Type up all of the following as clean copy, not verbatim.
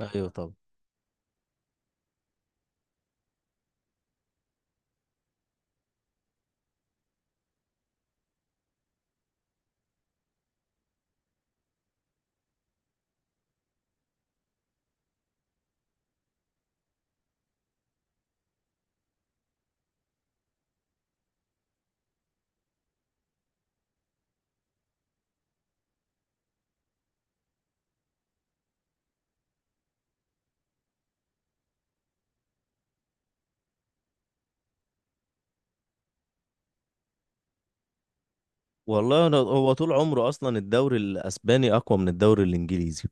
ايوه، طبعا. والله أنا هو طول عمره اصلا الدوري الاسباني اقوى من الدوري الانجليزي.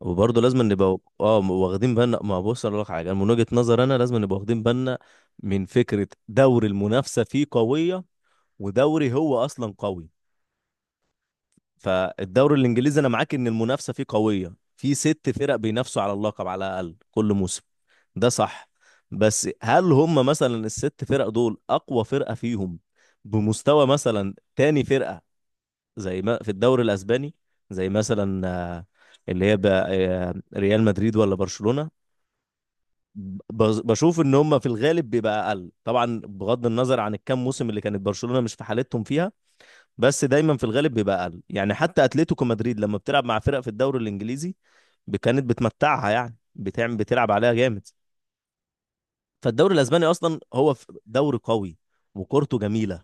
وبرضه لازم نبقى واخدين بالنا، ما بص اقول لك حاجه، أنا من وجهه نظر انا لازم نبقى واخدين بالنا من فكره دوري المنافسه فيه قويه، ودوري هو اصلا قوي. فالدوري الانجليزي انا معاك ان المنافسه فيه قويه، في ست فرق بينافسوا على اللقب على الاقل كل موسم، ده صح. بس هل هم مثلا الست فرق دول اقوى فرقه فيهم بمستوى مثلا تاني فرقه زي ما في الدوري الاسباني؟ زي مثلا اللي هي بقى ريال مدريد ولا برشلونة. بشوف ان هم في الغالب بيبقى اقل طبعا، بغض النظر عن الكام موسم اللي كانت برشلونة مش في حالتهم فيها، بس دايما في الغالب بيبقى اقل. يعني حتى اتلتيكو مدريد لما بتلعب مع فرق في الدوري الانجليزي كانت بتمتعها، يعني بتعمل بتلعب عليها جامد. فالدوري الاسباني اصلا هو دوري قوي وكورته جميلة.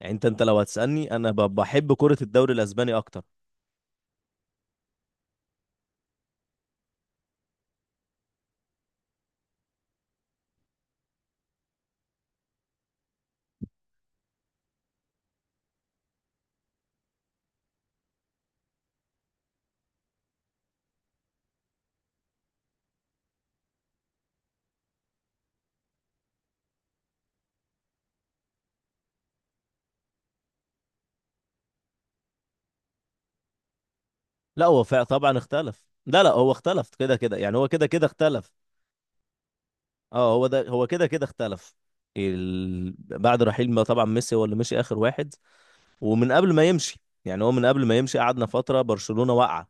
يعني انت لو هتسألني انا بحب كرة الدوري الاسباني اكتر. لا هو طبعا اختلف، لا لا هو اختلف كده كده، يعني هو كده كده اختلف. اه هو ده هو كده كده اختلف. بعد رحيل، ما طبعا ميسي هو اللي مشي اخر واحد، ومن قبل ما يمشي، يعني هو من قبل ما يمشي قعدنا فتره برشلونه واقعه.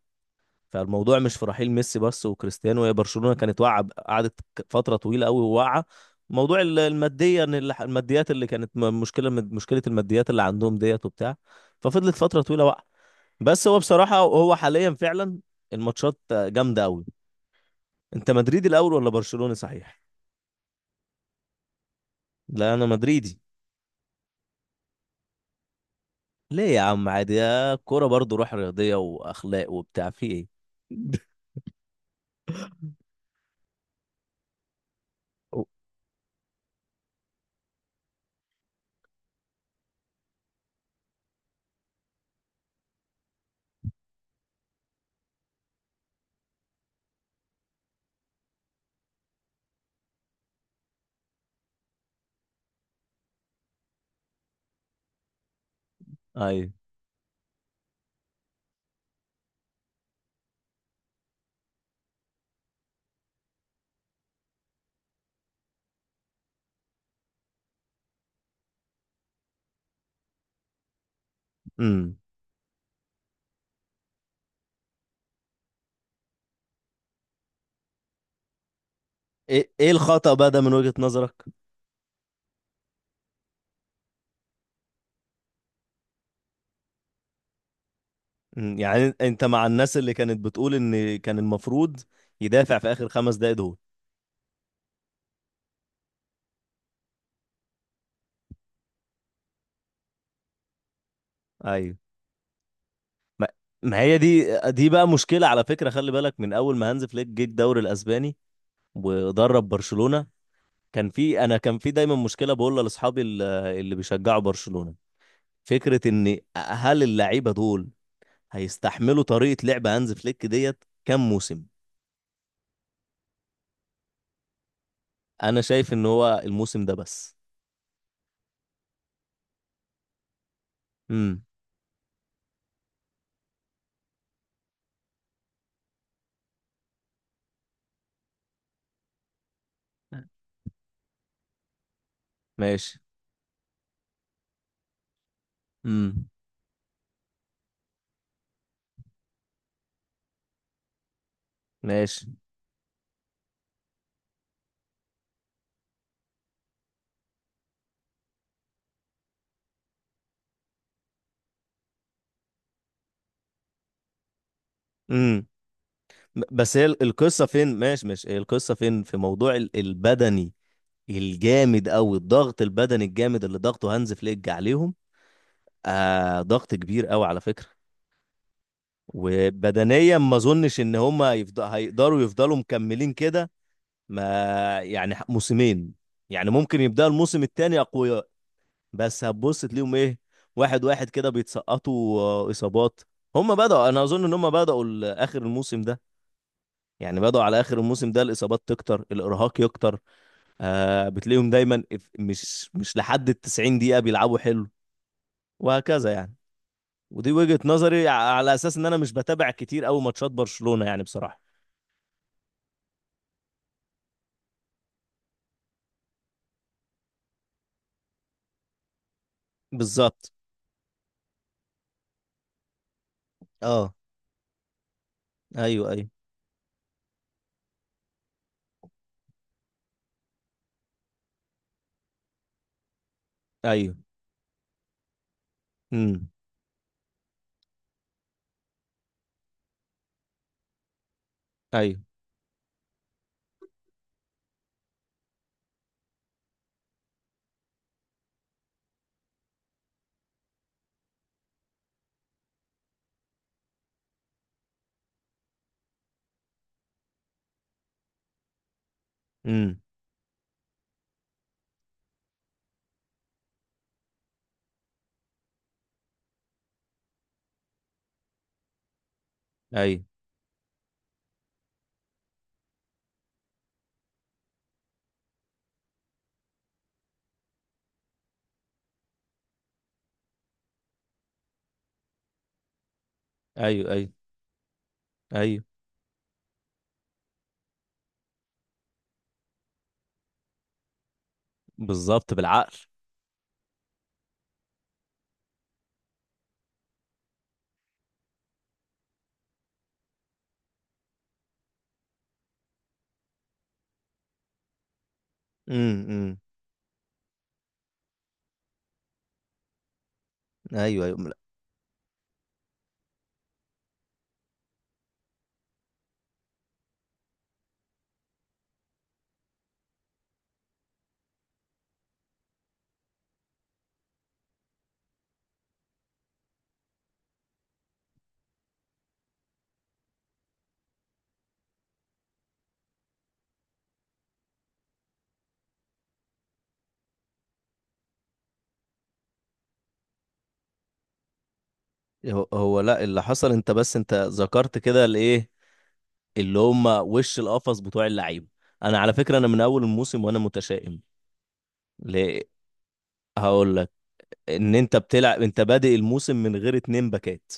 فالموضوع مش في رحيل ميسي بس وكريستيانو، هي برشلونه كانت واقعه، قعدت فتره طويله قوي واقعه. موضوع الماديه، ان الماديات اللي كانت مشكله، مشكله الماديات اللي عندهم ديت وبتاع. ففضلت فتره طويله واقعه. بس هو بصراحه هو حاليا فعلا الماتشات جامده قوي. انت مدريدي الاول ولا برشلوني، صحيح؟ لا، انا مدريدي. ليه يا عم؟ عادي، يا كوره برضو، روح رياضيه واخلاق وبتاع في ايه. ايوه. امم. ايه ايه الخطأ بقى ده من وجهة نظرك؟ يعني انت مع الناس اللي كانت بتقول ان كان المفروض يدافع في اخر 5 دقايق دول؟ ايوه. ما, ما هي دي بقى مشكلة على فكرة، خلي بالك من اول ما هانز فليك جه الدوري الاسباني ودرب برشلونة. كان في، انا كان في دايما مشكلة بقولها لاصحابي اللي بيشجعوا برشلونة، فكرة ان هل اللعيبة دول هيستحملوا طريقة لعب هانز فليك ديت كام موسم؟ انا شايف ان هو الموسم ده بس. امم. ماشي. امم. ماشي. امم. بس هي القصة فين؟ ماشي، ماشي، هي القصة فين في موضوع البدني الجامد قوي، الضغط البدني الجامد اللي ضغطه هانز فليك عليهم. ضغط كبير قوي على فكرة، وبدنيا ما اظنش ان هم هيفضلوا مكملين كده، ما يعني موسمين، يعني ممكن يبدأ الموسم التاني أقوياء، بس هتبص تلاقيهم إيه؟ واحد واحد كده بيتسقطوا إصابات. هم بدأوا، أنا أظن إن هم بدأوا آخر الموسم ده، يعني بدأوا على آخر الموسم ده الإصابات تكتر الإرهاق يكتر. بتلاقيهم دايما مش لحد التسعين دقيقة بيلعبوا حلو، وهكذا يعني. ودي وجهة نظري على أساس إن أنا مش بتابع كتير أوي ماتشات برشلونة يعني بصراحة. بالظبط. اه. ايوه، ايوه. ايوه. امم. ايوه. امم. ايوه، ايوه، ايوه، ايوه. بالظبط، بالعقل. امم. ايوه، ايوه، لا. هو هو، لا اللي حصل، انت بس انت ذكرت كده الايه اللي هم وش القفص بتوع اللعيبه. انا على فكره انا من اول الموسم وانا متشائم. ليه؟ هقول لك. ان انت بتلعب، انت بادئ الموسم من غير اتنين باكات.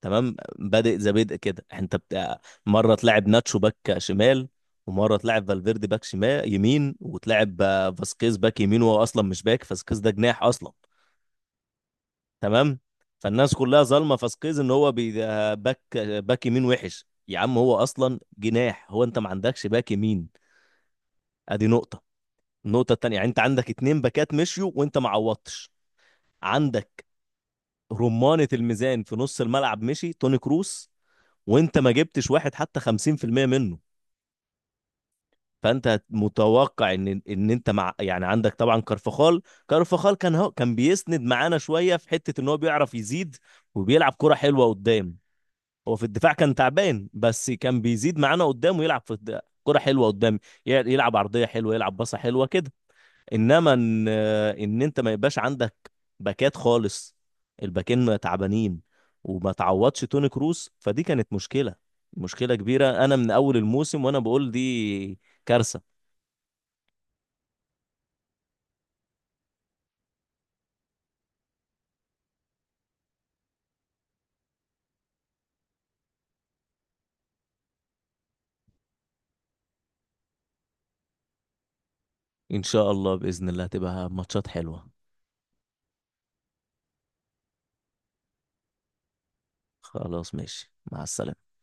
تمام، بادئ زي بدء كده انت بتاع. مره تلعب ناتشو باك شمال، ومره تلعب فالفيردي باك شمال يمين، وتلعب فاسكيز باك يمين، وهو اصلا مش باك، فاسكيز ده جناح اصلا. تمام. فالناس كلها ظالمه فاسكيز ان هو ده باك، باك يمين وحش يا عم، هو اصلا جناح، هو انت ما عندكش باك يمين. ادي نقطه. النقطه التانيه، يعني انت عندك اتنين باكات مشيوا وانت ما عوضتش. عندك رمانه الميزان في نص الملعب مشي توني كروس، وانت ما جبتش واحد حتى 50% منه. فانت متوقع ان انت مع، يعني عندك طبعا كارفخال. كارفخال كان، هو كان بيسند معانا شويه في حته ان هو بيعرف يزيد، وبيلعب كرة حلوه قدام. هو في الدفاع كان تعبان، بس كان بيزيد معانا قدام ويلعب في كرة حلوة قدام، يلعب عرضية حلوة، يلعب باصة حلوة كده. انما ان انت ما يبقاش عندك باكات خالص، الباكين تعبانين، وما تعوضش توني كروس، فدي كانت مشكلة، مشكلة كبيرة، انا من اول الموسم وانا بقول دي كارثة. ان شاء الله، بإذن الله هتبقى ماتشات حلوة. خلاص، ماشي، مع السلامة.